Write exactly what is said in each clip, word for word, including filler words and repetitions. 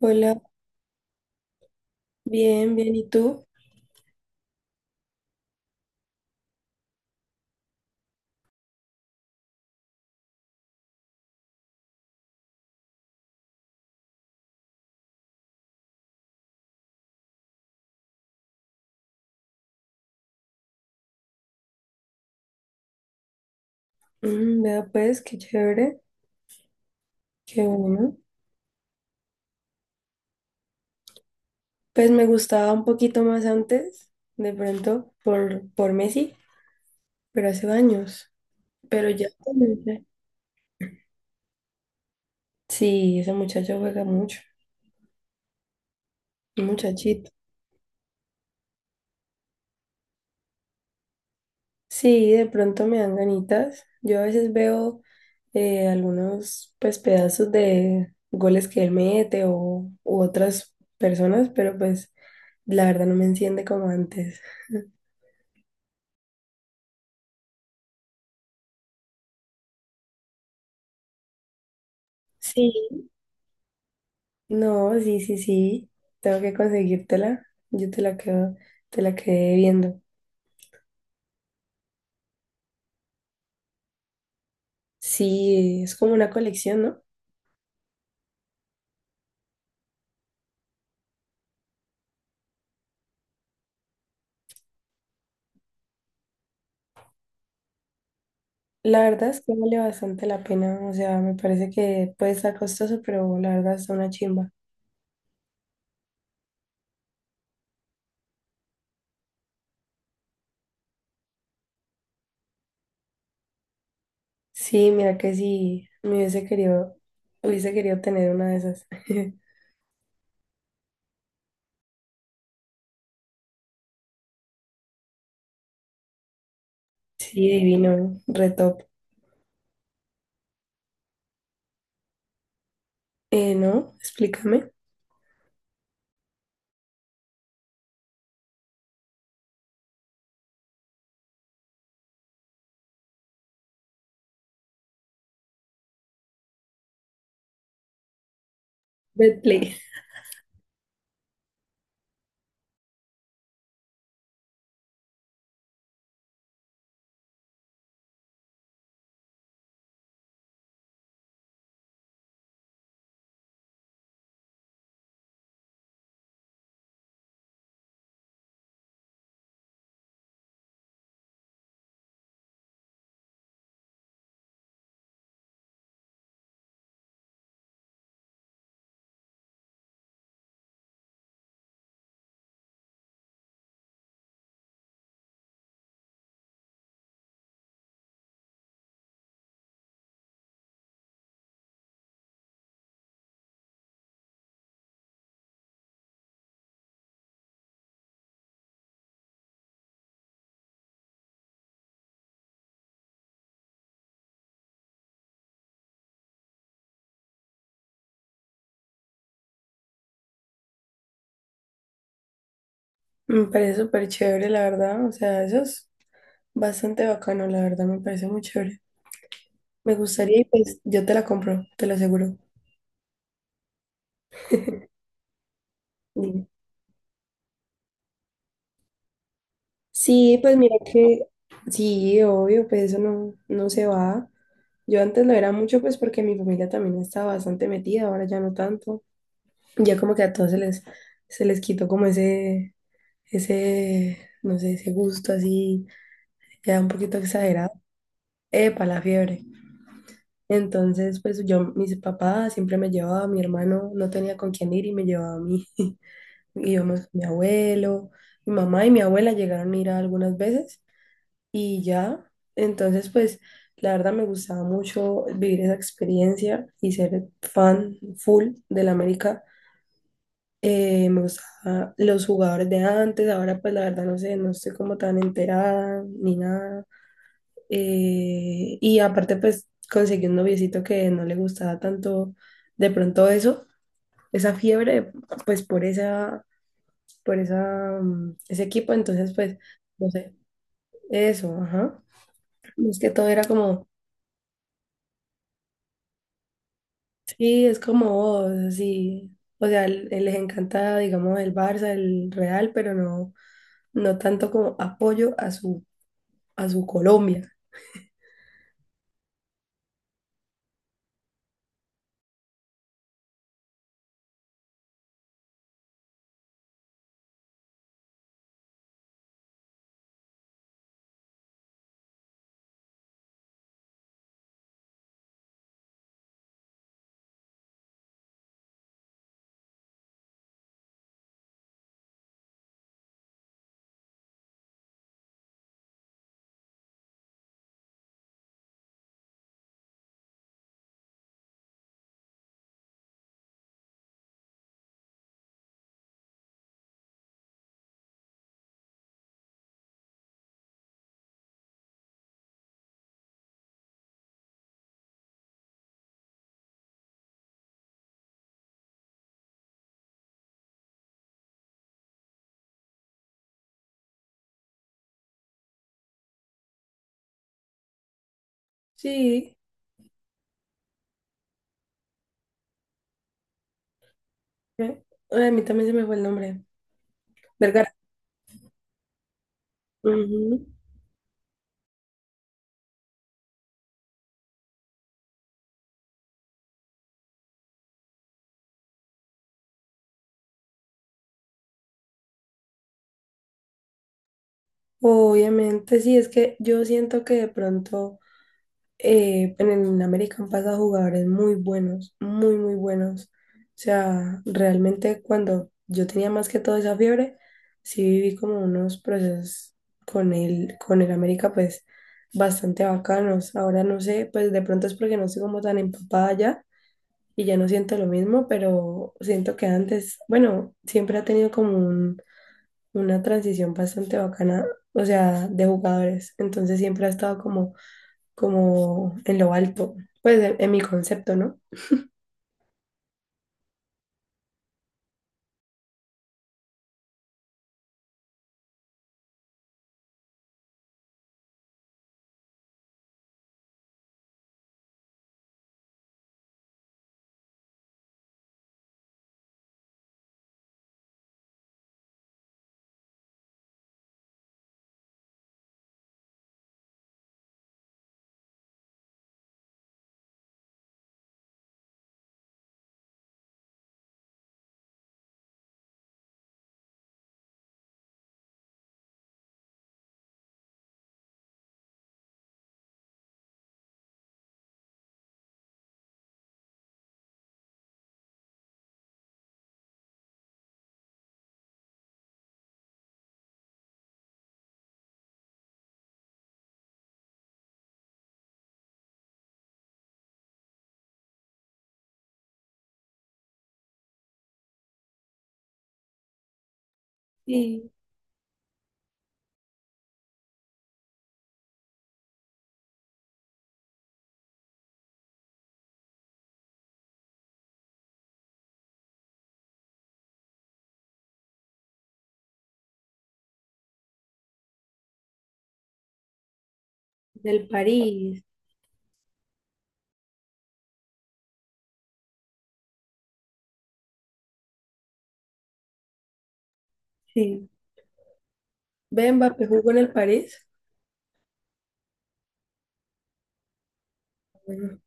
Hola, bien, bien, ¿y tú? Mm, vea pues, qué chévere, qué bueno. Pues me gustaba un poquito más antes, de pronto, por, por Messi, pero hace años. Pero ya comencé. Sí, ese muchacho juega mucho, un muchachito. Sí, de pronto me dan ganitas. Yo a veces veo eh, algunos pues pedazos de goles que él mete o u otras personas, pero pues la verdad no me enciende como antes. Sí, no, sí, sí, sí. Tengo que conseguírtela. Yo te la quedo, te la quedé viendo. Sí, es como una colección, ¿no? La verdad es que vale bastante la pena. O sea, me parece que puede estar costoso, pero la verdad está una chimba. Sí, mira que sí, me hubiese querido, hubiese querido tener una de esas. Sí, divino, re top. Eh, no, explícame. Betplay. Me parece súper chévere, la verdad. O sea, eso es bastante bacano, la verdad, me parece muy chévere. Me gustaría y pues yo te la compro, te lo aseguro. Dime. Sí, pues mira que sí, obvio, pues eso no, no se va. Yo antes lo era mucho pues porque mi familia también estaba bastante metida, ahora ya no tanto. Ya como que a todos se les, se les quitó como ese, ese, no sé, ese gusto así, ya un poquito exagerado. Epa, la fiebre. Entonces, pues yo, mis papás siempre me llevaba, mi hermano no tenía con quién ir y me llevaba a mí. Íbamos mi abuelo, mi mamá y mi abuela llegaron a ir algunas veces y ya. Entonces, pues la verdad me gustaba mucho vivir esa experiencia y ser fan full del América. Eh, me gustaban los jugadores de antes, ahora pues la verdad no sé, no estoy como tan enterada ni nada. Eh, y aparte pues conseguí un noviecito que no le gustaba tanto de pronto eso, esa fiebre, pues por esa por esa, mm, ese equipo, entonces pues, no sé, eso, ajá. Es que todo era como, sí, es como vos, así. O sea, l- les encanta, digamos, el Barça, el Real, pero no, no tanto como apoyo a su, a su Colombia. Sí, eh, a mí también se me fue el nombre. Vergara. Ujú. Obviamente, sí, es que yo siento que de pronto eh, en el América han pasado jugadores muy buenos, muy, muy buenos. O sea, realmente cuando yo tenía más que todo esa fiebre, sí viví como unos procesos con el, con el América, pues bastante bacanos. Ahora no sé, pues de pronto es porque no estoy como tan empapada ya y ya no siento lo mismo, pero siento que antes, bueno, siempre ha tenido como un- una transición bastante bacana, o sea, de jugadores. Entonces siempre ha estado como como en lo alto, pues en, en mi concepto, ¿no? Sí, del París, sí. Ve, Mbappé jugó en el París. Bueno,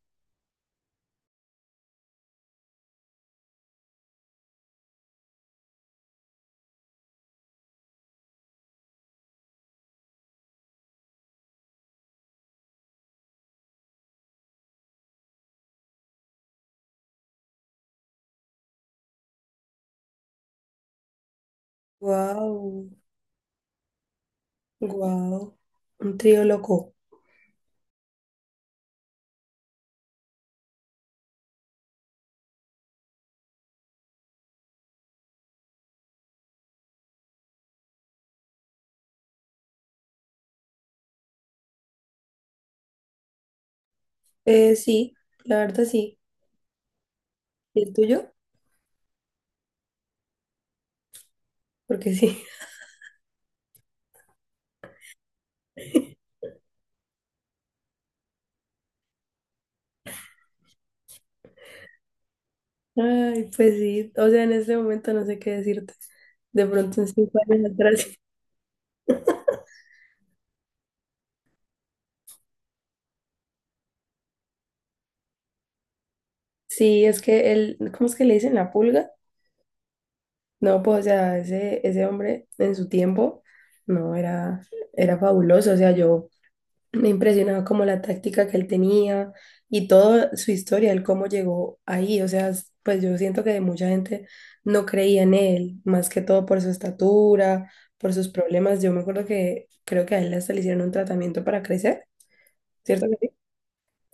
guau, guau. Un trío loco. Eh, sí, la verdad sí. ¿Y el tuyo? Porque sí. Ay, pues sí. O sea, en este momento no sé qué decirte. De pronto en cinco años atrás. Sí, es que él, ¿cómo es que le dicen la pulga? No, pues, o sea, ese, ese hombre en su tiempo, no, era, era fabuloso. O sea, yo me impresionaba como la táctica que él tenía y toda su historia, el cómo llegó ahí. O sea, s- pues yo siento que mucha gente no creía en él, más que todo por su estatura, por sus problemas. Yo me acuerdo que creo que a él hasta le hicieron un tratamiento para crecer, ¿cierto?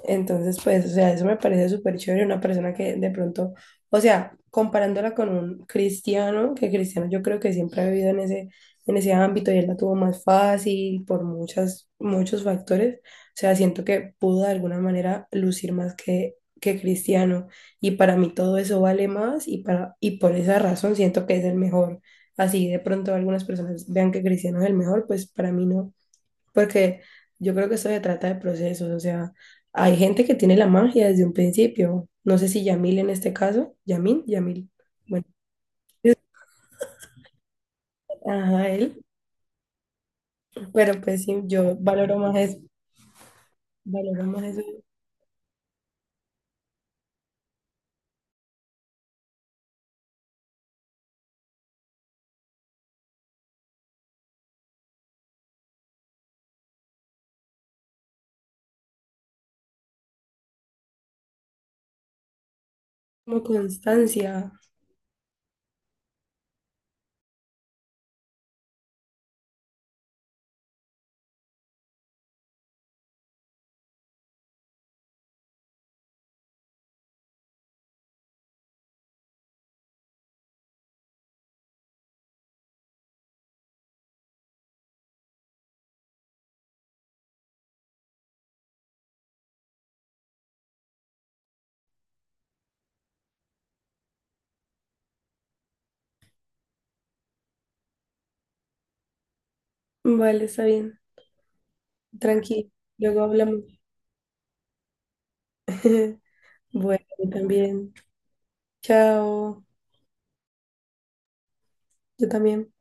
Entonces, pues, o sea, eso me parece súper chévere, una persona que de pronto, o sea, comparándola con un Cristiano, que Cristiano yo creo que siempre ha vivido en ese, en ese ámbito y él la tuvo más fácil por muchas, muchos factores, o sea, siento que pudo de alguna manera lucir más que, que Cristiano y para mí todo eso vale más y, para, y por esa razón siento que es el mejor. Así de pronto algunas personas vean que Cristiano es el mejor, pues para mí no. Porque yo creo que eso se trata de procesos, o sea, hay gente que tiene la magia desde un principio. No sé si Yamil en este caso, Yamil, Yamil. Bueno, ajá, él, pero pues sí, yo valoro más eso, valoro más eso como constancia. Vale, está bien, tranqui, luego hablamos. Bueno, yo también. Chao, yo también.